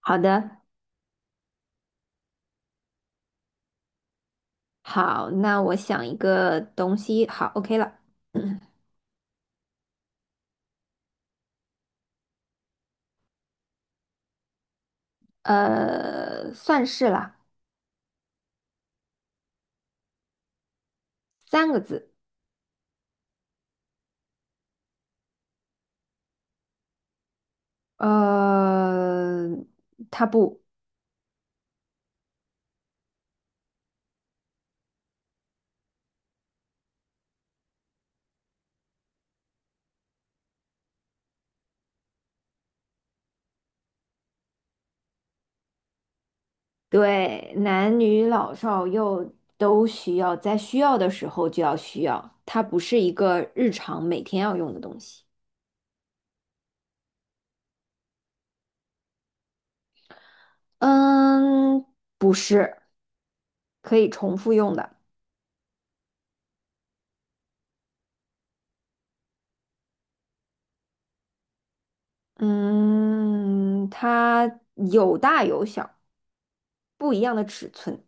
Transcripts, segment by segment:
好的，好，那我想一个东西，好，OK 了，呃，算是啦，三个字，呃，它不对，男女老少幼都需要，在需要的时候就要需要，它不是一个日常每天要用的东西，嗯，不是，可以重复用的，嗯，它有大有小，不一样的尺寸。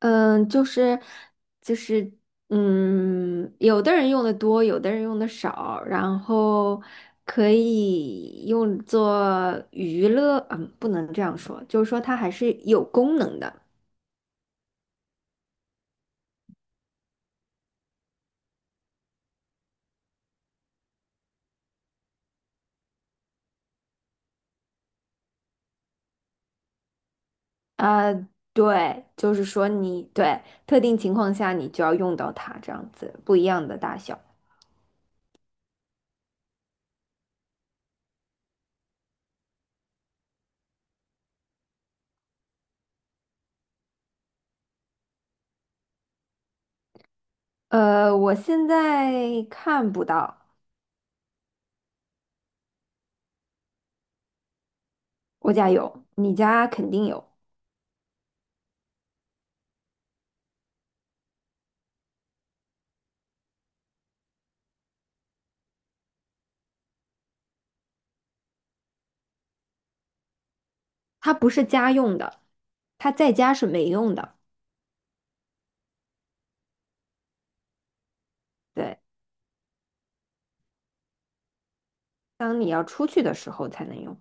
嗯，就是就是，有的人用的多，有的人用的少，然后可以用作娱乐，嗯，不能这样说，就是说它还是有功能的。呃，对，就是说特定情况下你就要用到它，这样子不一样的大小。呃，我现在看不到，我家有，你家肯定有，它不是家用的，它在家是没用的。对。当你要出去的时候才能用。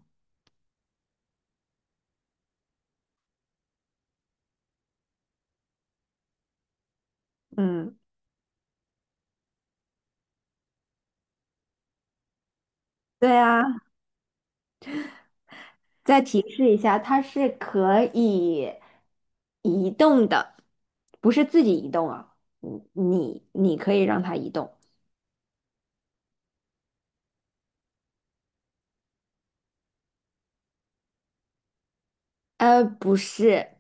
嗯，对啊，再提示一下，它是可以移动的，不是自己移动啊，嗯你可以让它移动。呃，不是，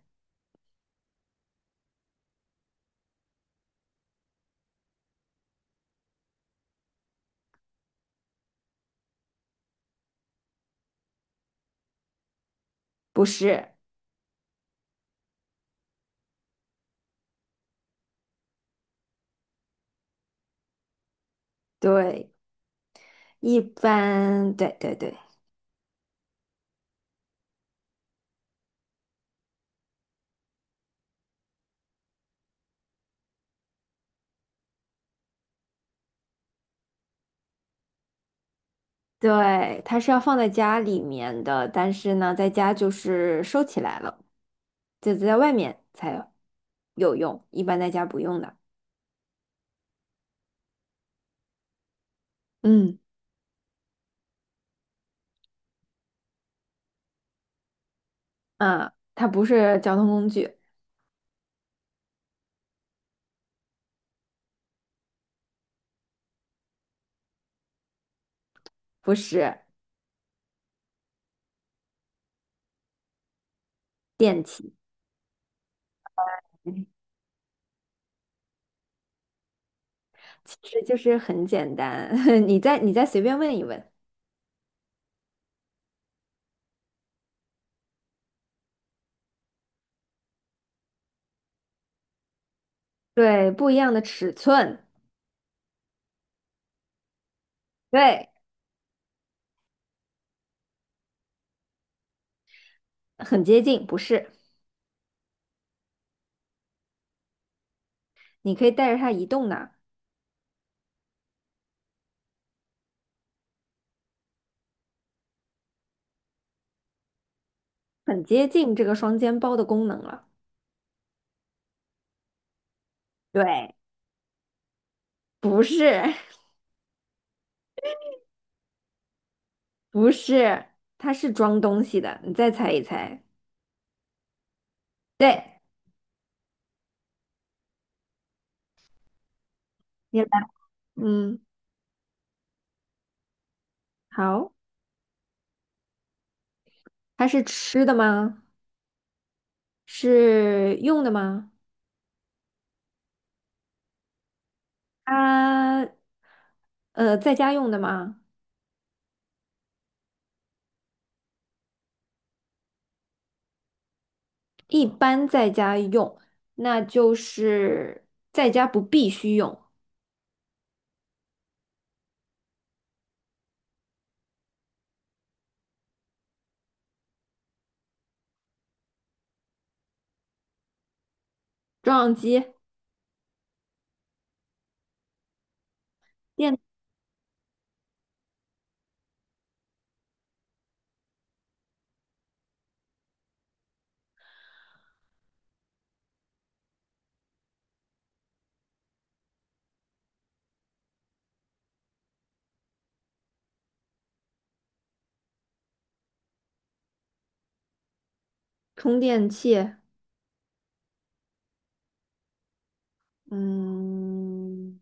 不是，对，一般，对对对对，它是要放在家里面的，但是呢，在家就是收起来了，就在外面才有用，一般在家不用的。嗯啊，它不是交通工具，不是电器，嗯其实就是很简单，你再随便问一问，对，不一样的尺寸，对，很接近，不是，你可以带着它移动的，很接近这个双肩包的功能了，对，不是，不是，它是装东西的，你再猜一猜，对，你来，嗯，好，它是吃的吗？是用的吗？它，呃，在家用的吗？一般在家用，那就是在家不必须用，照相机、电充电器，嗯，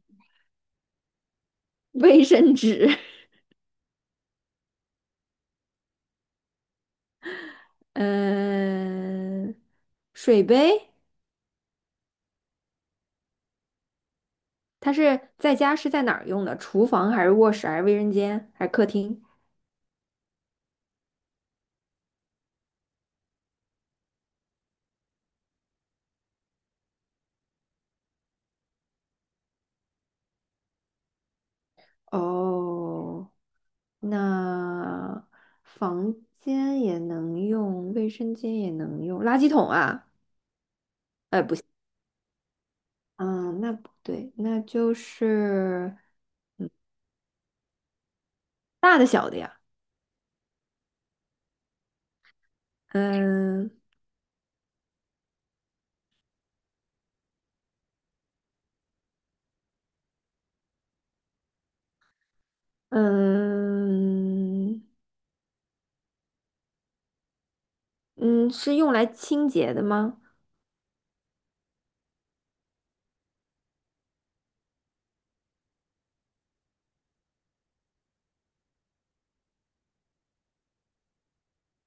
卫生纸，嗯，水杯。它是在家是在哪儿用的？厨房还是卧室还是卫生间还是客厅？哦，那房间也能用，卫生间也能用，垃圾桶啊。嗯，那不对，那就是嗯大的小的呀，嗯嗯嗯，是用来清洁的吗？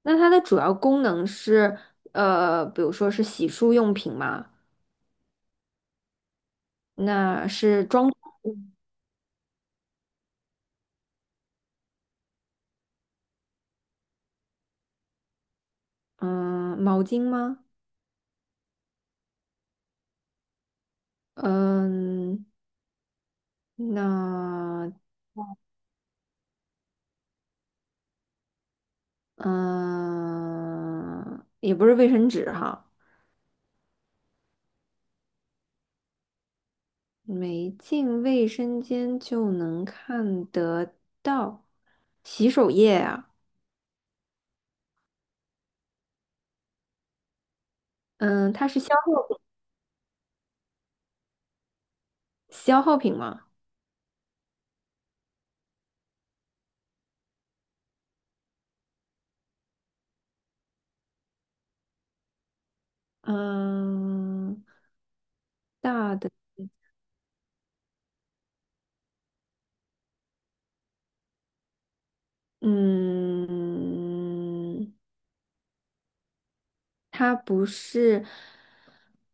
那它的主要功能是呃，比如说是洗漱用品吗？那是装嗯毛巾吗？嗯，那嗯也不是卫生纸哈，没进卫生间就能看得到洗手液啊？嗯，它是消耗品吗？嗯，大的，嗯，它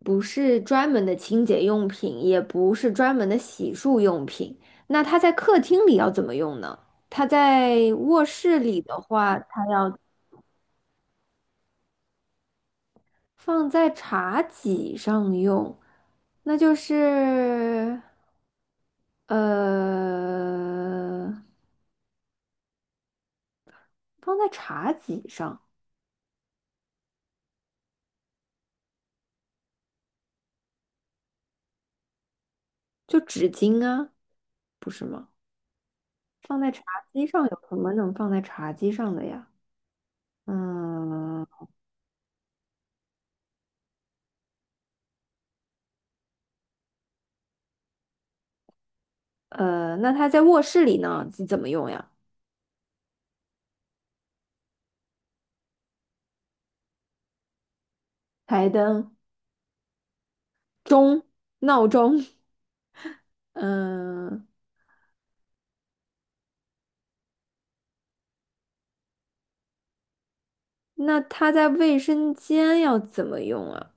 不是专门的清洁用品，也不是专门的洗漱用品。那它在客厅里要怎么用呢？它在卧室里的话，它要。放在茶几上用，那就是呃，放在茶几上，就纸巾啊，不是吗？放在茶几上有什么能放在茶几上的呀？嗯，呃，那它在卧室里呢，怎么用呀？台灯、钟、闹钟，嗯，那它在卫生间要怎么用啊？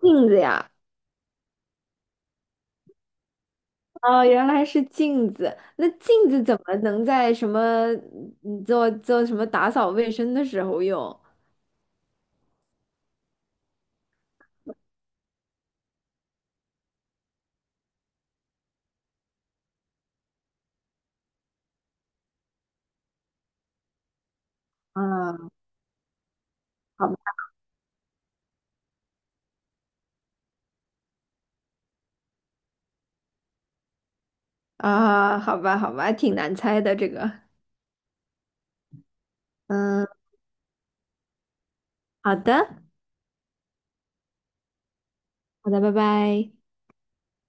镜子呀。哦，原来是镜子。那镜子怎么能在什么嗯做什么打扫卫生的时候用？啊，好吧，啊，好吧，好吧，挺难猜的这个。嗯，好的，好的，拜拜。